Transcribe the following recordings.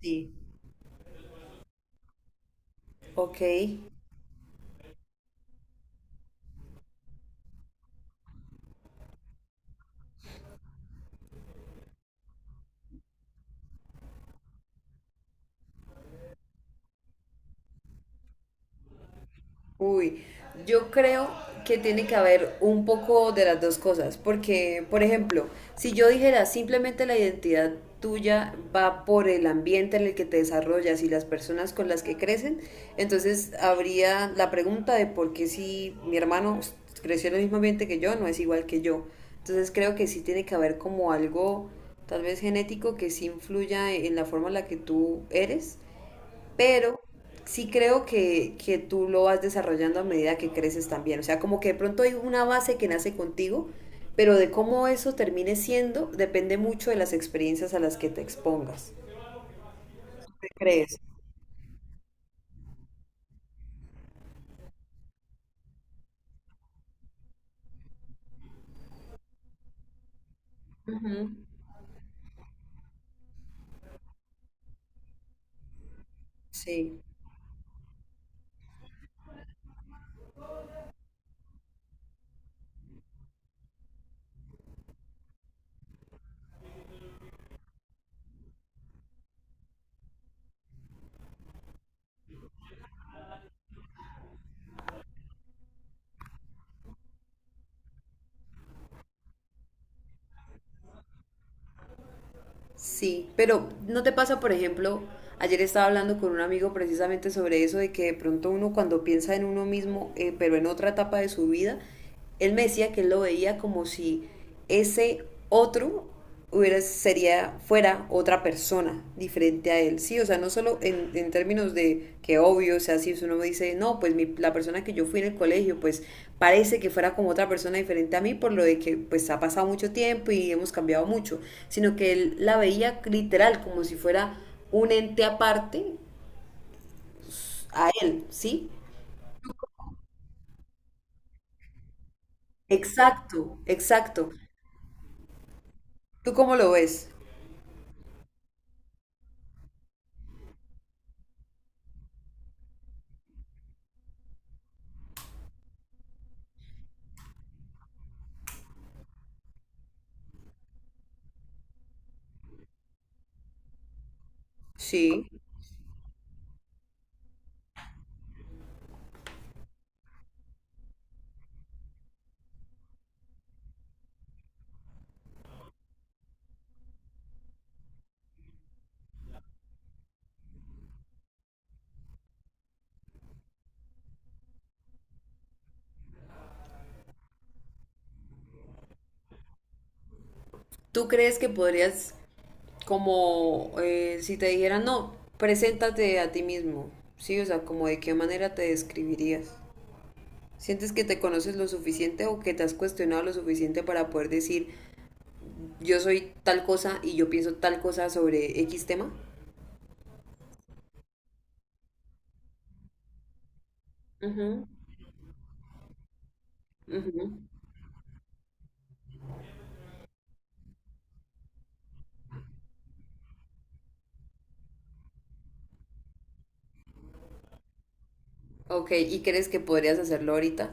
Sí, ok. Uy, yo creo que tiene que haber un poco de las dos cosas, porque, por ejemplo, si yo dijera simplemente la identidad tuya va por el ambiente en el que te desarrollas y las personas con las que crecen, entonces habría la pregunta de por qué si mi hermano creció en el mismo ambiente que yo, no es igual que yo. Entonces creo que sí tiene que haber como algo tal vez genético que sí influya en la forma en la que tú eres, pero sí creo que tú lo vas desarrollando a medida que creces también. O sea, como que de pronto hay una base que nace contigo, pero de cómo eso termine siendo depende mucho de las experiencias a las que te expongas. ¿Qué crees? Ujú. Sí. Sí, pero ¿no te pasa? Por ejemplo, ayer estaba hablando con un amigo precisamente sobre eso, de que de pronto uno cuando piensa en uno mismo, pero en otra etapa de su vida, él me decía que él lo veía como si ese otro hubiera, sería, fuera otra persona, frente a él. Sí, o sea, no solo en términos de que, obvio, o sea, si uno me dice, no, pues mi, la persona que yo fui en el colegio, pues parece que fuera como otra persona diferente a mí por lo de que pues ha pasado mucho tiempo y hemos cambiado mucho, sino que él la veía literal como si fuera un ente aparte a él, ¿sí? Exacto, exacto. ¿Tú cómo lo ves? Sí. ¿Tú crees que podrías como si te dijeran, no, preséntate a ti mismo, ¿sí? O sea, ¿como de qué manera te describirías? ¿Sientes que te conoces lo suficiente o que te has cuestionado lo suficiente para poder decir, yo soy tal cosa y yo pienso tal cosa sobre X tema? Ujú, ujú. Ok, ¿y crees que podrías hacerlo ahorita?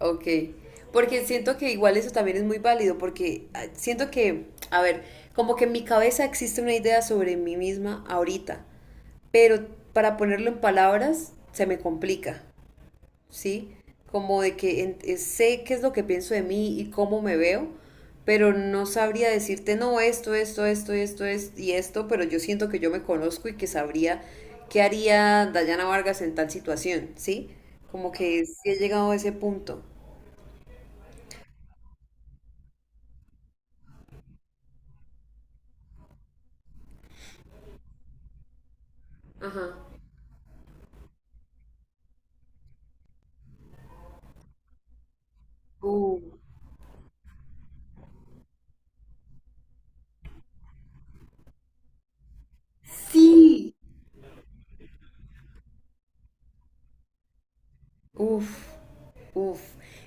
Ok, porque siento que igual eso también es muy válido, porque ah, siento que, a ver, como que en mi cabeza existe una idea sobre mí misma ahorita, pero para ponerlo en palabras se me complica, ¿sí? Como de que sé qué es lo que pienso de mí y cómo me veo, pero no sabría decirte, no, esto, es y esto, pero yo siento que yo me conozco y que sabría qué haría Dayana Vargas en tal situación, ¿sí? Como que sí he llegado a ese punto. Ajá. Uh, Sí, uf. Uf,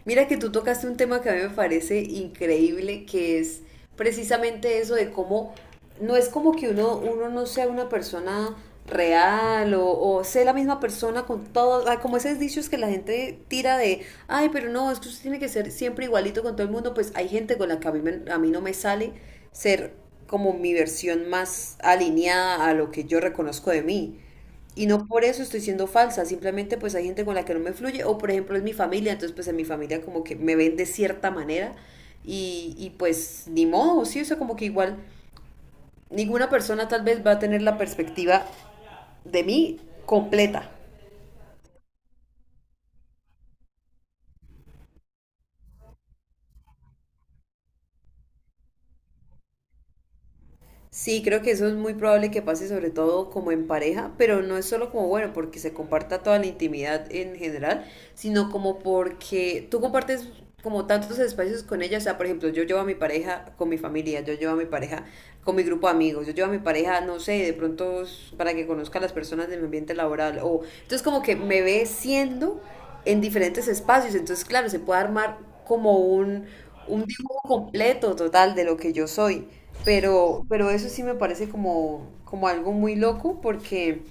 mira que tú tocaste un tema que a mí me parece increíble, que es precisamente eso de cómo no es como que uno no sea una persona real o sea la misma persona con todo, como esos dichos que la gente tira de, ay, pero no, es que usted tiene que ser siempre igualito con todo el mundo, pues hay gente con la que a mí, a mí no me sale ser como mi versión más alineada a lo que yo reconozco de mí. Y no por eso estoy siendo falsa, simplemente pues hay gente con la que no me fluye, o por ejemplo es mi familia, entonces pues en mi familia como que me ven de cierta manera y pues ni modo, sí, o sea, como que igual ninguna persona tal vez va a tener la perspectiva de mí completa. Sí, creo que eso es muy probable que pase, sobre todo como en pareja, pero no es solo como bueno porque se comparta toda la intimidad en general, sino como porque tú compartes como tantos espacios con ella. O sea, por ejemplo, yo llevo a mi pareja con mi familia, yo llevo a mi pareja con mi grupo de amigos, yo llevo a mi pareja, no sé, de pronto para que conozca a las personas de mi ambiente laboral. O entonces como que me ve siendo en diferentes espacios. Entonces, claro, se puede armar como un dibujo completo total de lo que yo soy. Pero eso sí me parece como, como algo muy loco porque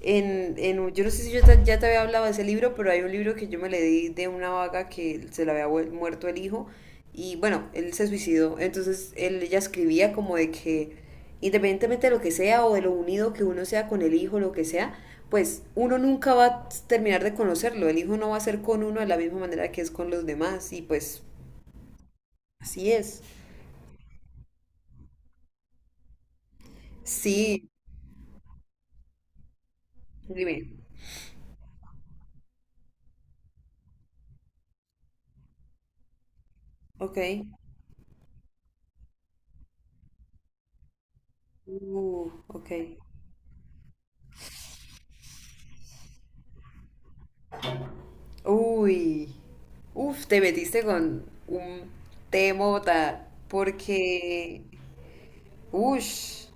yo no sé si ya te había hablado de ese libro, pero hay un libro que yo me leí de una vaga que se le había muerto el hijo y bueno, él se suicidó. Entonces él, ella escribía como de que independientemente de lo que sea o de lo unido que uno sea con el hijo, lo que sea, pues uno nunca va a terminar de conocerlo. El hijo no va a ser con uno de la misma manera que es con los demás y pues así es. Sí, dime. Ok. Ok. Uy. Uf, te metiste con un temota. Porque. Ush.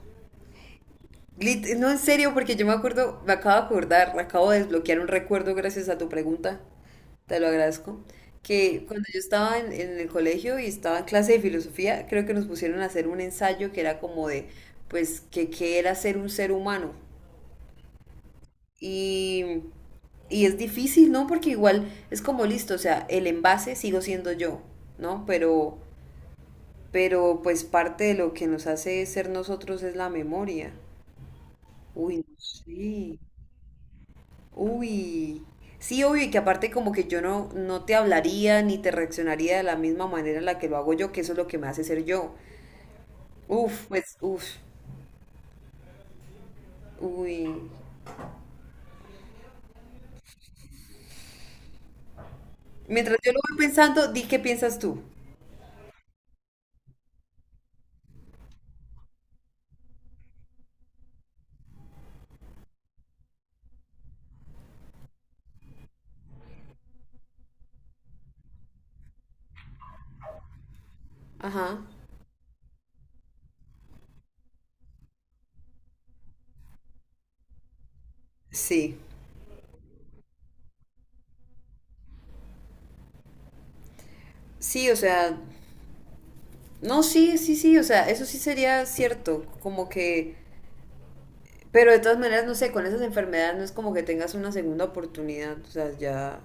No, en serio, porque yo me acuerdo, me acabo de acordar, me acabo de desbloquear un recuerdo gracias a tu pregunta. Te lo agradezco. Que cuando yo estaba en, el colegio y estaba en clase de filosofía, creo que nos pusieron a hacer un ensayo que era como de, pues, que qué era ser un ser humano. Y, y es difícil, ¿no? Porque igual es como listo, o sea, el envase sigo siendo yo, ¿no? Pero pues parte de lo que nos hace ser nosotros es la memoria. Uy, no sé. Uy. Sí, obvio, y que aparte como que yo no te hablaría ni te reaccionaría de la misma manera en la que lo hago yo, que eso es lo que me hace ser yo. Uf, pues, uf, uy. Mientras yo lo voy pensando, di qué piensas tú. Ajá. Sí. Sí, o sea, no, sí, sí, sí, o sea, eso sí sería cierto, como que, pero de todas maneras, no sé, con esas enfermedades no es como que tengas una segunda oportunidad, o sea, ya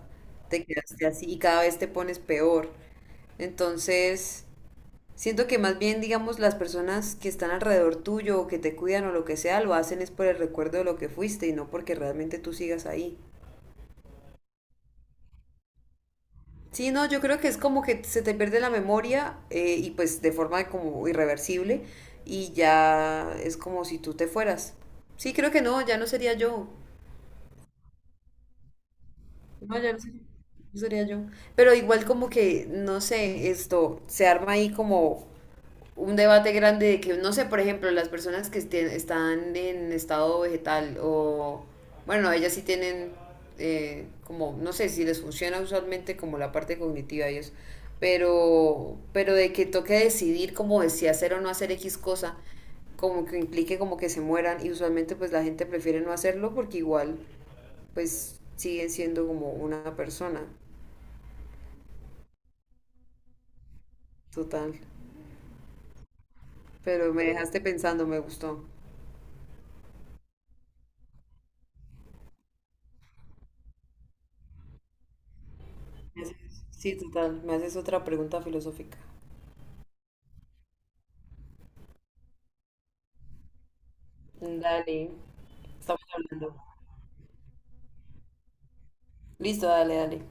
te quedaste así y cada vez te pones peor. Entonces, siento que más bien, digamos, las personas que están alrededor tuyo o que te cuidan o lo que sea, lo hacen es por el recuerdo de lo que fuiste y no porque realmente tú sigas ahí. Sí, no, yo creo que es como que se te pierde la memoria, y pues de forma como irreversible, y ya es como si tú te fueras. Sí, creo que no, ya no sería yo. No, ya no sería, no sería yo. Pero igual como que, no sé, esto se arma ahí como un debate grande de que, no sé, por ejemplo, las personas que están en estado vegetal, o bueno, ellas sí tienen, como, no sé si les funciona usualmente como la parte cognitiva y eso, pero de que toque decidir como de si hacer o no hacer X cosa, como que implique como que se mueran, y usualmente pues la gente prefiere no hacerlo porque igual pues siguen siendo como una persona total. Pero me dejaste pensando, me gustó. Me haces... Sí, total. Me haces otra pregunta filosófica. Dale. Estamos hablando. Listo, dale, dale.